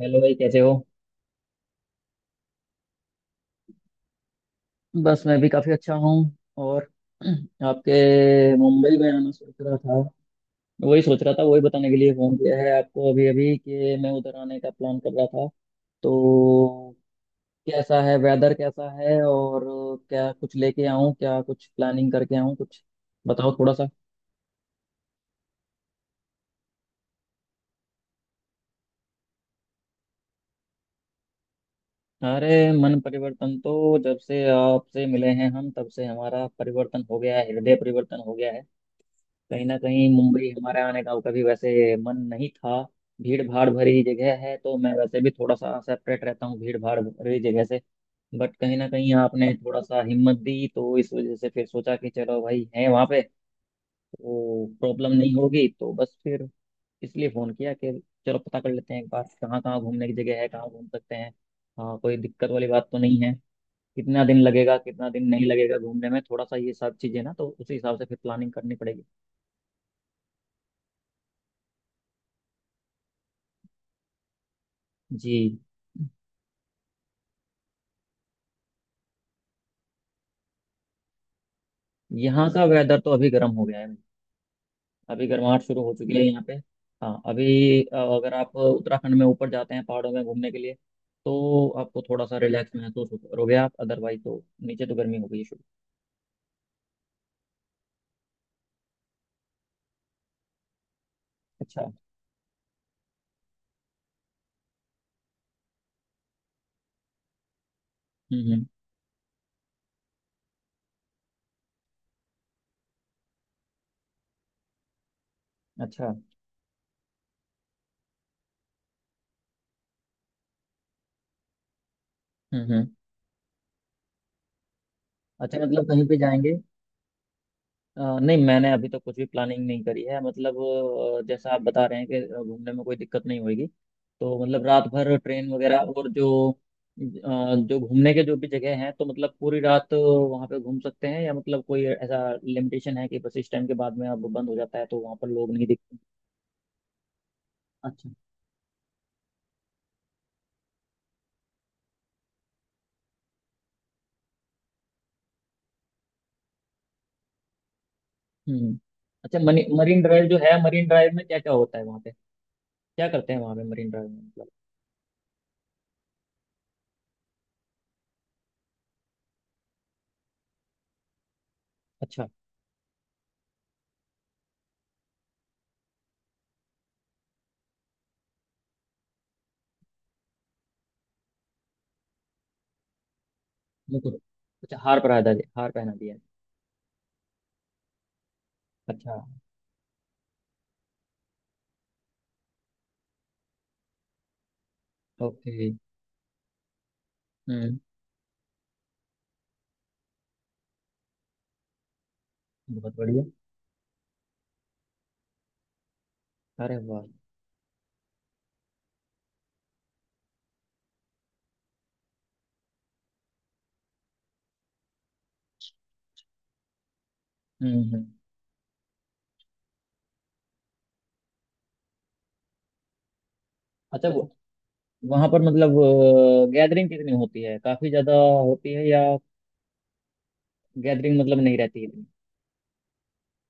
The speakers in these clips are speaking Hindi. हेलो भाई कैसे हो। बस मैं भी काफी अच्छा हूँ। और आपके। मुंबई में आना सोच रहा था। वही सोच रहा था, वही बताने के लिए फोन किया है आपको अभी अभी कि मैं उधर आने का प्लान कर रहा था। तो कैसा है वेदर, कैसा है, और क्या कुछ लेके आऊँ, क्या कुछ प्लानिंग करके आऊँ कुछ? बताओ थोड़ा सा। अरे, मन परिवर्तन तो जब से आपसे मिले हैं हम तब से हमारा परिवर्तन हो गया है, हृदय परिवर्तन हो गया है। कहीं ना कहीं मुंबई हमारे आने का कभी वैसे मन नहीं था। भीड़ भाड़ भरी जगह है तो मैं वैसे भी थोड़ा सा सेपरेट रहता हूँ भीड़ भाड़ भरी जगह से। बट कहीं ना कहीं आपने थोड़ा सा हिम्मत दी तो इस वजह से फिर सोचा कि चलो भाई है वहाँ पे, तो प्रॉब्लम नहीं होगी। तो बस फिर इसलिए फ़ोन किया कि चलो पता कर लेते हैं एक बार, कहाँ कहाँ घूमने की जगह है, कहाँ घूम सकते हैं। हाँ, कोई दिक्कत वाली बात तो नहीं है। कितना दिन लगेगा, कितना दिन नहीं लगेगा घूमने में, थोड़ा सा ये सब चीज़ें ना, तो उसी हिसाब से फिर प्लानिंग करनी पड़ेगी। जी। यहाँ का वेदर तो अभी गर्म हो गया है। अभी गर्माहट शुरू हो चुकी है यहाँ पे। हाँ अभी अगर आप उत्तराखंड में ऊपर जाते हैं पहाड़ों में घूमने के लिए तो आपको थोड़ा सा रिलैक्स महसूस करोगे आप, अदरवाइज तो नीचे तो गर्मी हो गई है शुरू। अच्छा। हम्म। अच्छा। हम्म। अच्छा, मतलब कहीं पे जाएंगे। नहीं, मैंने अभी तक कुछ भी प्लानिंग नहीं करी है, मतलब जैसा आप बता रहे हैं कि घूमने में कोई दिक्कत नहीं होगी। तो मतलब रात भर ट्रेन वगैरह और जो जो घूमने के जो भी जगह हैं, तो मतलब पूरी रात वहाँ पे घूम सकते हैं, या मतलब कोई ऐसा लिमिटेशन है कि बस इस टाइम के बाद में अब बंद हो जाता है तो वहाँ पर लोग नहीं दिखते। अच्छा। हम्म। अच्छा, मनी मरीन ड्राइव जो है, मरीन ड्राइव में क्या क्या होता है वहाँ पे, क्या करते हैं वहाँ पे मरीन ड्राइव में, मतलब? अच्छा। मुकुट। अच्छा, हार पहना दिया, हार पहना दिया है। अच्छा। ओके। हम्म। बहुत बढ़िया। अरे वाह। हम्म हम्म। अच्छा अच्छा। वहां पर, मतलब, गैदरिंग कितनी होती है? काफी ज्यादा होती है, या गैदरिंग मतलब नहीं रहती इतनी?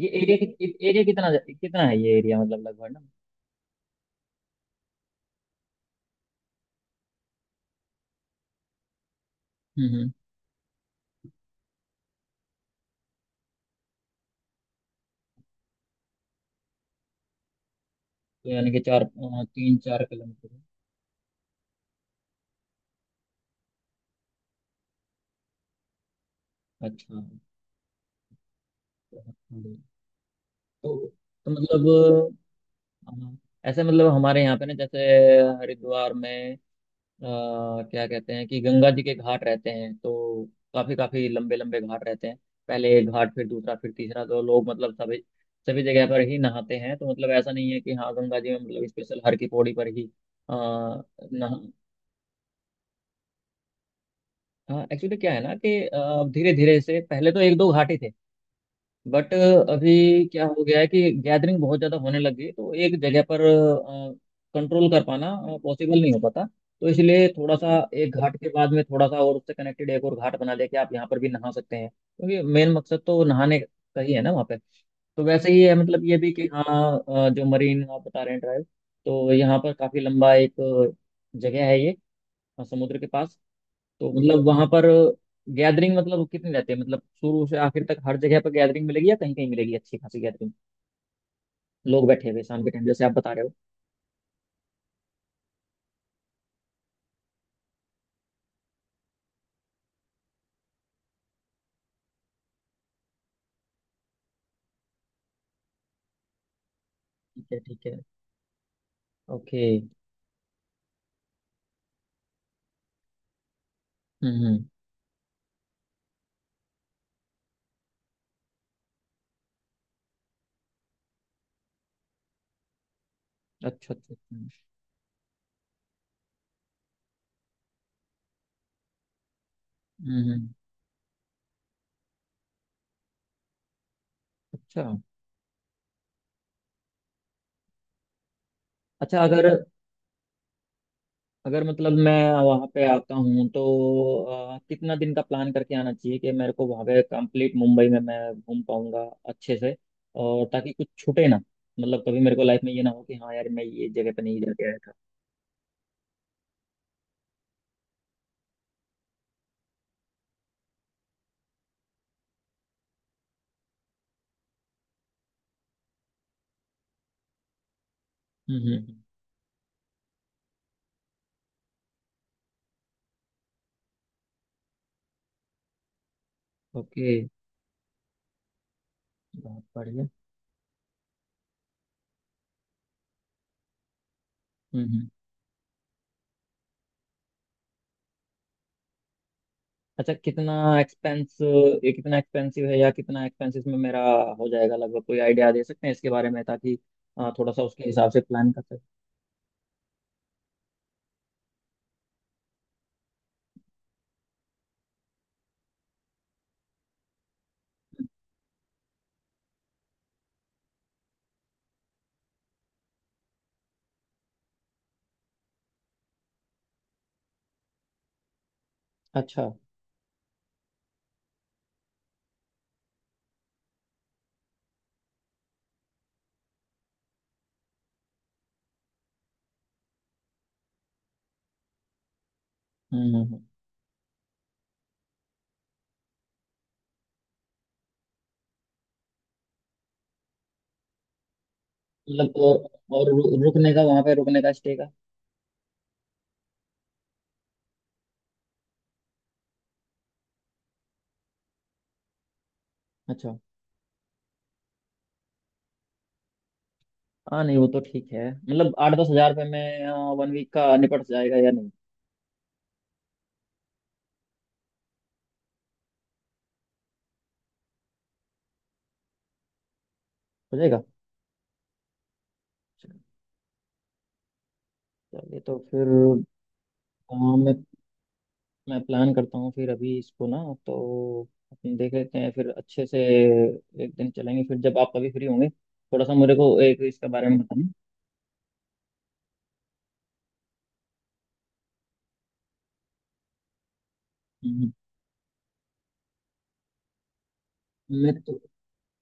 ये एरिया, एरिया कितना कितना है, ये एरिया मतलब लगभग ना? हम्म हम्म। तो यानी कि चार 3-4 किलोमीटर है। अच्छा। बहुत बढ़िया। तो तो मतलब अ, ऐसे मतलब हमारे यहाँ पे ना, जैसे हरिद्वार में अ, क्या कहते हैं कि गंगा जी के घाट रहते हैं, तो काफी काफी लंबे लंबे घाट रहते हैं, पहले एक घाट फिर दूसरा फिर तीसरा। तो लोग मतलब सभी सभी जगह पर ही नहाते हैं। तो मतलब ऐसा नहीं है कि हाँ गंगा जी में मतलब स्पेशल हर की पौड़ी पर ही आ, नहा हाँ, एक्चुअली क्या है ना कि धीरे धीरे से पहले तो एक दो घाट ही थे, बट अभी क्या हो गया है कि गैदरिंग बहुत ज़्यादा होने लग गई, तो एक जगह पर कंट्रोल कर पाना पॉसिबल नहीं हो पाता। तो इसलिए थोड़ा सा एक घाट के बाद में थोड़ा सा और, उससे कनेक्टेड एक और घाट बना लेके आप यहाँ पर भी नहा सकते हैं, क्योंकि मेन मकसद तो नहाने का ही है ना वहाँ पे। तो वैसे ही है मतलब ये भी कि हाँ जो मरीन आप बता रहे हैं ड्राइव, तो यहाँ पर काफ़ी लंबा एक जगह है ये, समुद्र के पास। तो मतलब वहां पर गैदरिंग मतलब कितनी रहती है, मतलब शुरू से आखिर तक हर जगह पर गैदरिंग मिलेगी, या कहीं कहीं मिलेगी अच्छी खासी गैदरिंग, लोग बैठे हुए शाम के टाइम, जैसे आप बता रहे हो? ठीक है ठीक है। ओके। हम्म। अच्छा अच्छा अच्छा। हम्म। अच्छा अच्छा। अगर, अगर मतलब मैं वहां पे आता हूँ तो कितना दिन का प्लान करके आना चाहिए कि मेरे को वहां पे कंप्लीट मुंबई में मैं घूम पाऊंगा अच्छे से, और ताकि कुछ छूटे ना, मतलब कभी मेरे को लाइफ में ये ना हो कि हाँ यार मैं ये जगह पे नहीं जाके आया था। हम्म हम्म हम्म। ओके। बहुत बढ़िया। हम्म हम्म। अच्छा, कितना एक्सपेंस, ये कितना एक्सपेंसिव है, या कितना एक्सपेंस इसमें मेरा हो जाएगा लगभग? कोई आइडिया दे सकते हैं इसके बारे में, ताकि थोड़ा सा उसके हिसाब से प्लान कर सकते। अच्छा। हम्म हम्म हम्म। मतलब और रुकने का, वहाँ पे रुकने का, स्टे का? अच्छा। हाँ नहीं वो तो ठीक है, मतलब 8-10 हज़ार रुपये में वन वीक का निपट जाएगा या नहीं? हो जाएगा। चलिए तो फिर अ, मैं मैं प्लान करता हूँ फिर अभी इसको ना, तो अपन देख लेते हैं फिर अच्छे से, एक दिन चलेंगे फिर जब आप कभी फ्री होंगे, थोड़ा सा मेरे को एक इसके बारे में बताना। हम्म, मैं तो,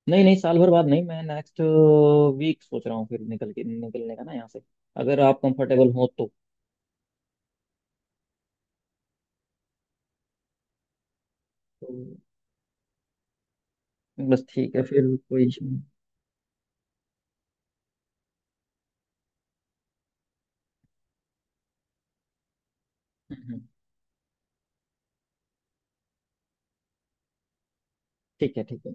नहीं नहीं साल भर बाद नहीं, मैं नेक्स्ट वीक सोच रहा हूँ फिर निकल के, निकलने का ना यहाँ से, अगर आप कंफर्टेबल हो तो। तो बस ठीक है फिर, कोई इशू नहीं। हम्म। ठीक है ठीक है।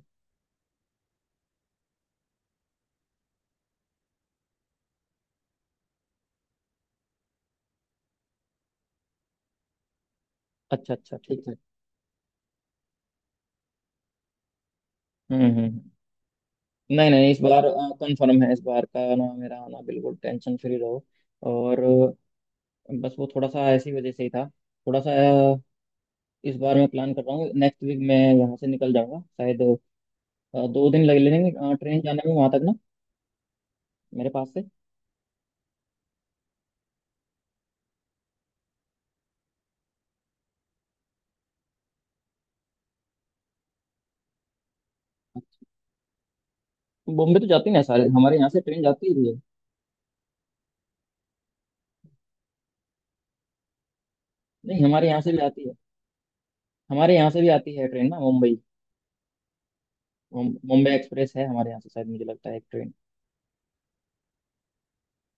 अच्छा अच्छा। ठीक है। हम्म हम्म हम्म। नहीं नहीं, इस बार कंफर्म है इस बार का ना मेरा आना, बिल्कुल टेंशन फ्री रहो। और बस वो थोड़ा सा ऐसी वजह से ही था, थोड़ा सा अ, इस बार मैं प्लान कर रहा हूँ, नेक्स्ट वीक मैं यहाँ से निकल जाऊंगा शायद। 2 दिन लग लेंगे ट्रेन जाने में वहां तक ना, मेरे पास से। बॉम्बे तो जाती ना, सारे हमारे यहाँ से ट्रेन जाती ही है। नहीं, हमारे यहाँ से भी आती है, हमारे यहाँ से भी आती है ट्रेन ना मुंबई। मुंबई एक्सप्रेस है हमारे यहाँ से शायद, मुझे लगता है एक ट्रेन।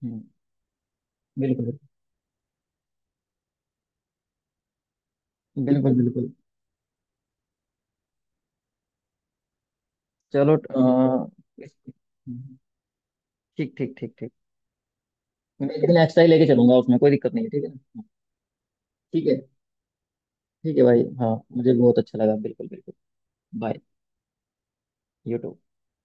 हम्म। बिल्कुल बिल्कुल बिल्कुल। चलो इस- ठीक ठीक ठीक ठीक। मैं एक दिन एक्स्ट्रा ही लेके चलूंगा, उसमें कोई दिक्कत नहीं है, ठीक है ना? ठीक है। ठीक है भाई, हाँ, मुझे बहुत अच्छा लगा, बिल्कुल बिल्कुल। बाय। You to.